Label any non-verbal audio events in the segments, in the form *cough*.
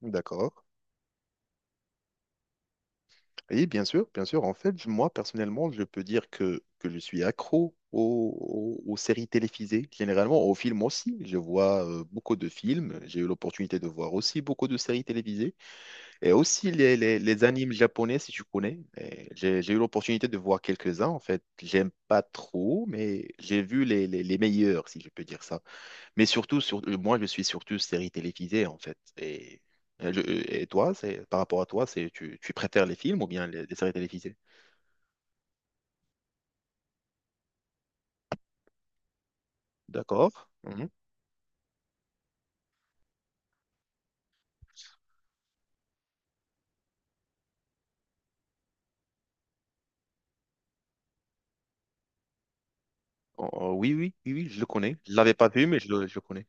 D'accord. Et bien sûr, bien sûr. En fait, moi, personnellement, je peux dire que je suis accro aux séries télévisées, généralement aux films aussi. Je vois beaucoup de films. J'ai eu l'opportunité de voir aussi beaucoup de séries télévisées et aussi les animes japonais, si tu connais. Et J'ai eu l'opportunité de voir quelques-uns. En fait, j'aime pas trop, mais j'ai vu les meilleurs, si je peux dire ça. Mais surtout, moi, je suis surtout série télévisée, en fait. Et toi, c'est, par rapport à toi, c'est, tu préfères les films ou bien les séries télévisées? D'accord. Mhm. Oh, oh, oui, oui, oui, oui, je le connais. Je l'avais pas vu, mais je le connais.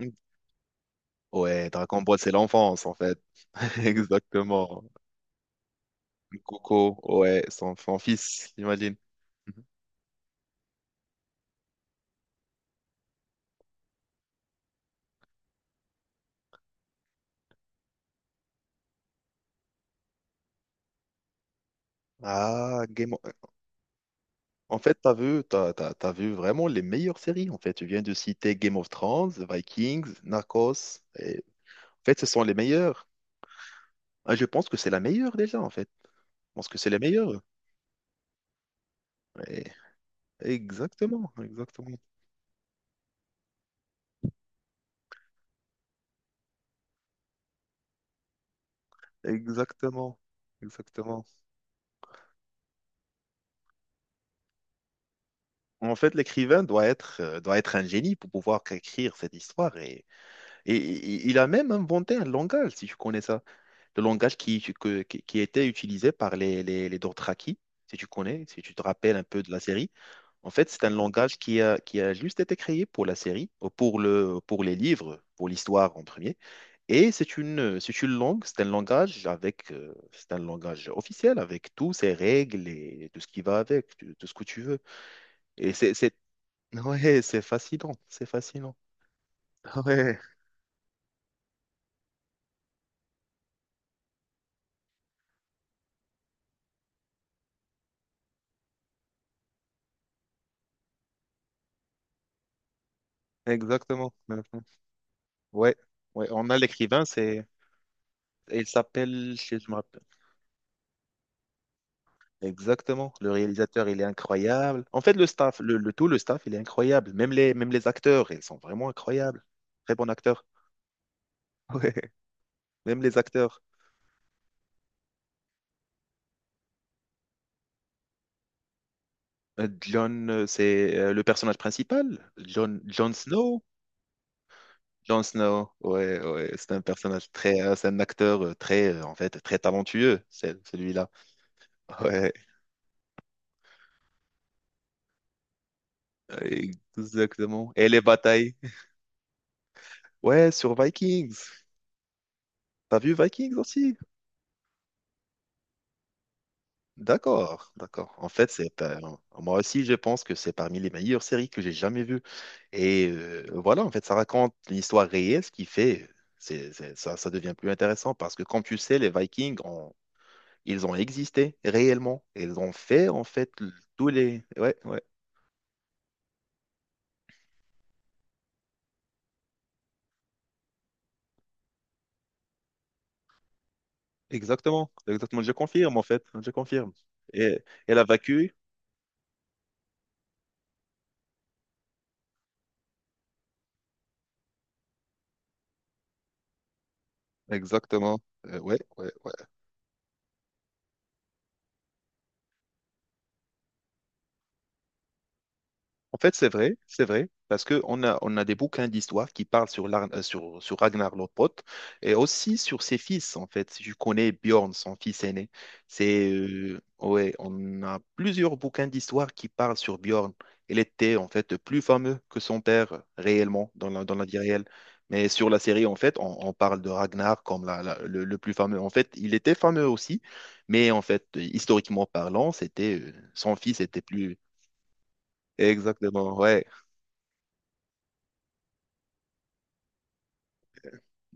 Mm. Ouais, Dragon Ball, c'est l'enfance, en fait. *laughs* Exactement. Coco, ouais, son fils, j'imagine. Mhm. Ah, Game of- En fait, t'as vu, t'as vu vraiment les meilleures séries. En fait, tu viens de citer Game of Thrones, Vikings, Narcos. En fait, ce sont les meilleurs. Ah, je pense que c'est la meilleure déjà, en fait. Je pense que c'est la meilleure. Ouais. Exactement, exactement, exactement, exactement. En fait, l'écrivain doit être un génie pour pouvoir écrire cette histoire. Et il a même inventé un langage, si tu connais ça. Le langage qui était utilisé par les Dothraki, si tu connais, si tu te rappelles un peu de la série. En fait, c'est un langage qui a juste été créé pour la série, pour les livres, pour l'histoire en premier. Et c'est une langue, c'est un langage avec, c'est un langage officiel avec toutes ses règles et tout ce qui va avec, tout tout ce que tu veux. Et c'est, c'est, ouais, c'est fascinant, c'est fascinant. *laughs* Ouais, exactement. Ouais, ouais, on a l'écrivain, c'est, il s'appelle, je me rappelle- Exactement. Le réalisateur, il est incroyable. En fait, le staff, le tout, le staff, il est incroyable. Même les acteurs, ils sont vraiment incroyables. Très bon acteur. *laughs* Ouais. Même les acteurs. John, c'est le personnage principal. John Snow. John Snow. Ouais, ouais. C'est un personnage c'est un acteur, en fait, très talentueux, celui-là. Ouais, exactement. Et les batailles. Ouais, sur Vikings. T'as vu Vikings aussi? D'accord, d'accord. En fait, c'est moi aussi, je pense que c'est parmi les meilleures séries que j'ai jamais vues. Et voilà, en fait, ça raconte l'histoire réelle, ce qui fait ça devient plus intéressant parce que, comme tu sais, ils ont existé réellement. Ils ont fait en fait. L- tous les. Ouais, ouais, exactement, exactement. Je confirme en fait, je confirme. Et elle a vaincu. Exactement. Ouais, ouais. En fait, c'est vrai, parce que on a des bouquins d'histoire qui parlent sur Ragnar Lodbrok et aussi sur ses fils, en fait. Si je connais Bjorn, son fils aîné, ouais, on a plusieurs bouquins d'histoire qui parlent sur Bjorn. Il était, en fait, plus fameux que son père, réellement, dans la vie réelle. Mais sur la série, en fait, on parle de Ragnar comme le plus fameux. En fait, il était fameux aussi, mais en fait, historiquement parlant, son fils était plus... Exactement, ouais.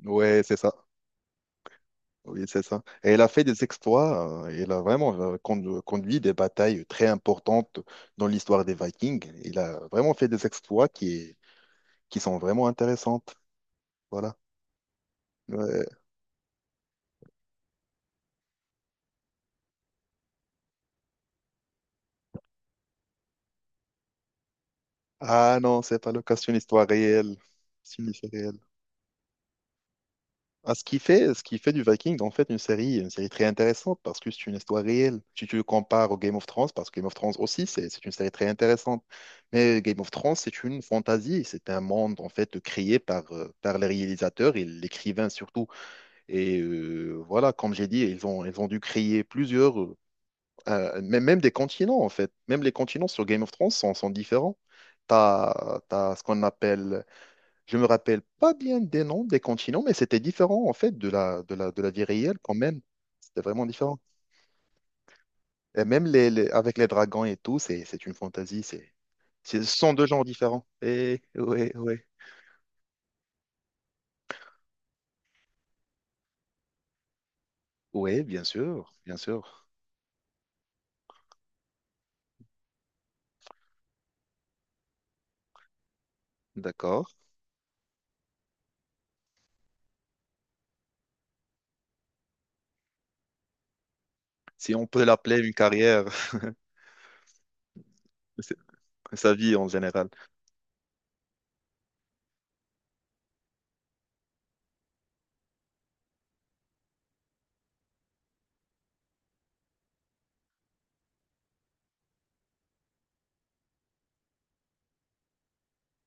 Ouais, c'est ça. Oui, c'est ça. Et elle a fait des exploits. Elle a vraiment conduit des batailles très importantes dans l'histoire des Vikings. Il a vraiment fait des exploits qui sont vraiment intéressantes. Voilà. Ouais. Ah non, c'est pas le cas, c'est une histoire réelle. C'est une histoire réelle. Ah, ce qui fait du Viking, en fait, une série très intéressante parce que c'est une histoire réelle. Si tu le compares au Game of Thrones, parce que Game of Thrones aussi, c'est une série très intéressante. Mais Game of Thrones, c'est une fantaisie. C'est un monde, en fait, créé par les réalisateurs et l'écrivain surtout. Et voilà, comme j'ai dit, ils ont dû créer plusieurs, même des continents, en fait. Même les continents sur Game of Thrones sont différents. Tu as, ce qu'on appelle je me rappelle pas bien des noms des continents, mais c'était différent en fait de la vie réelle quand même. C'était vraiment différent. Et même avec les dragons et tout, c'est une fantaisie. Ce sont deux genres différents. Et ouais, ouais. Ouais, bien sûr, bien sûr. D'accord. Si on peut l'appeler une carrière, *laughs* c'est- sa vie en général.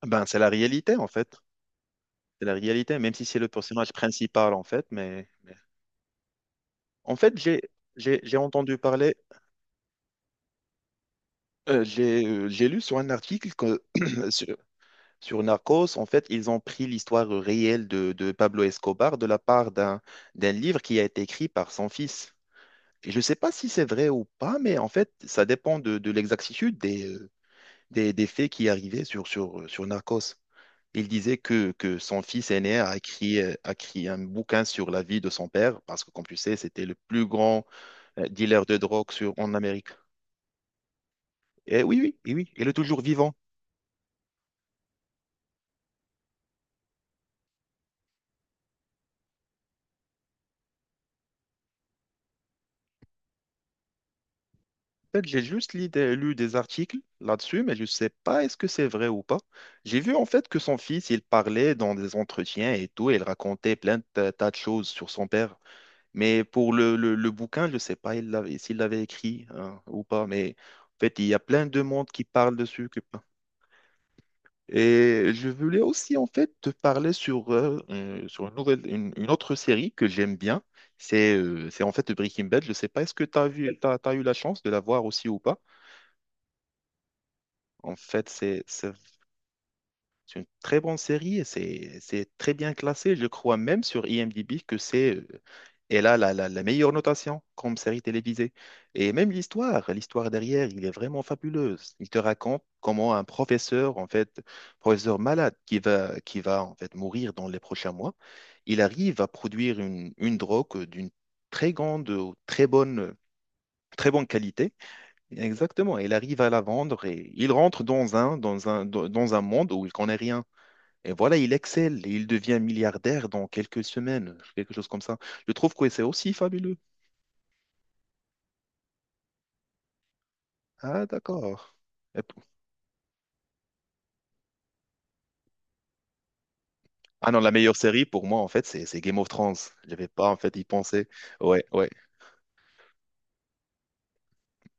Ben, c'est la réalité en fait. C'est la réalité, même si c'est le personnage principal en fait. En fait, j'ai entendu parler, j'ai lu sur un article que *clears throat* Sur Narcos, en fait, ils ont pris l'histoire réelle de Pablo Escobar de la part d'un d'un livre qui a été écrit par son fils. Et je ne sais pas si c'est vrai ou pas, mais en fait, ça dépend de l'exactitude des faits qui arrivaient sur Narcos. Il disait que son fils aîné a écrit un bouquin sur la vie de son père, parce que, comme tu sais, c'était le plus grand dealer de drogue en Amérique. Et oui, oui, et oui, il est toujours vivant. En fait, j'ai juste lu des articles là-dessus, mais je ne sais pas est-ce que c'est vrai ou pas. J'ai vu en fait que son fils, il parlait dans des entretiens et tout, et il racontait plein de tas de choses sur son père. Mais pour le bouquin, je ne sais pas s'il l'avait écrit hein, ou pas. Mais en fait, il y a plein de monde qui parle dessus. Et je voulais aussi en fait te parler sur une autre série que j'aime bien. C'est en fait Breaking Bad. Je ne sais pas, est-ce que tu as vu, t'as eu la chance de la voir aussi ou pas? En fait, c'est une très bonne série et c'est très bien classé. Je crois même sur IMDb que c'est elle a la meilleure notation comme série télévisée. Et même l'histoire, l'histoire derrière, il est vraiment fabuleuse. Il te raconte comment un professeur, en fait, professeur malade qui va en fait mourir dans les prochains mois, il arrive à produire une drogue d'une très grande, très bonne, très bonne qualité. Exactement, il arrive à la vendre et il rentre dans un monde où il connaît rien. Et voilà, il excelle et il devient milliardaire dans quelques semaines, quelque chose comme ça. Je trouve que c'est aussi fabuleux. Ah, d'accord. Et p- Ah non, la meilleure série pour moi, en fait, c'est Game of Thrones. Je J'avais pas, en fait, y pensé. Ouais, ouais.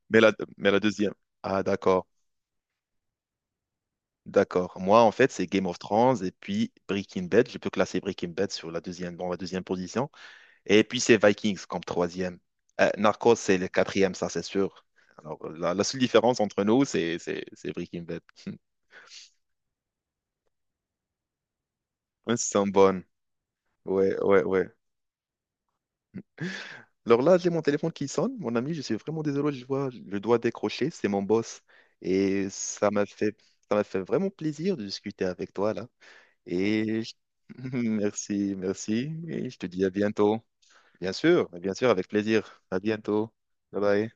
Mais la deuxième. Ah, d'accord, d'accord. Moi, en fait, c'est Game of Thrones et puis Breaking Bad. Je peux classer Breaking Bad dans la deuxième position. Et puis, c'est Vikings comme troisième. Narcos, c'est le quatrième, ça, c'est sûr. Alors, la seule différence entre nous, c'est Breaking Bad. *laughs* Ouais, C'est sont bonnes. Ouais, ouais, ouais. Alors là, j'ai mon téléphone qui sonne. Mon ami, je suis vraiment désolé, je vois, je dois décrocher. C'est mon boss. Et ça m'a fait vraiment plaisir de discuter avec toi, là. Et je- *laughs* merci, merci. Et je te dis à bientôt. Bien sûr, avec plaisir. À bientôt. Bye bye.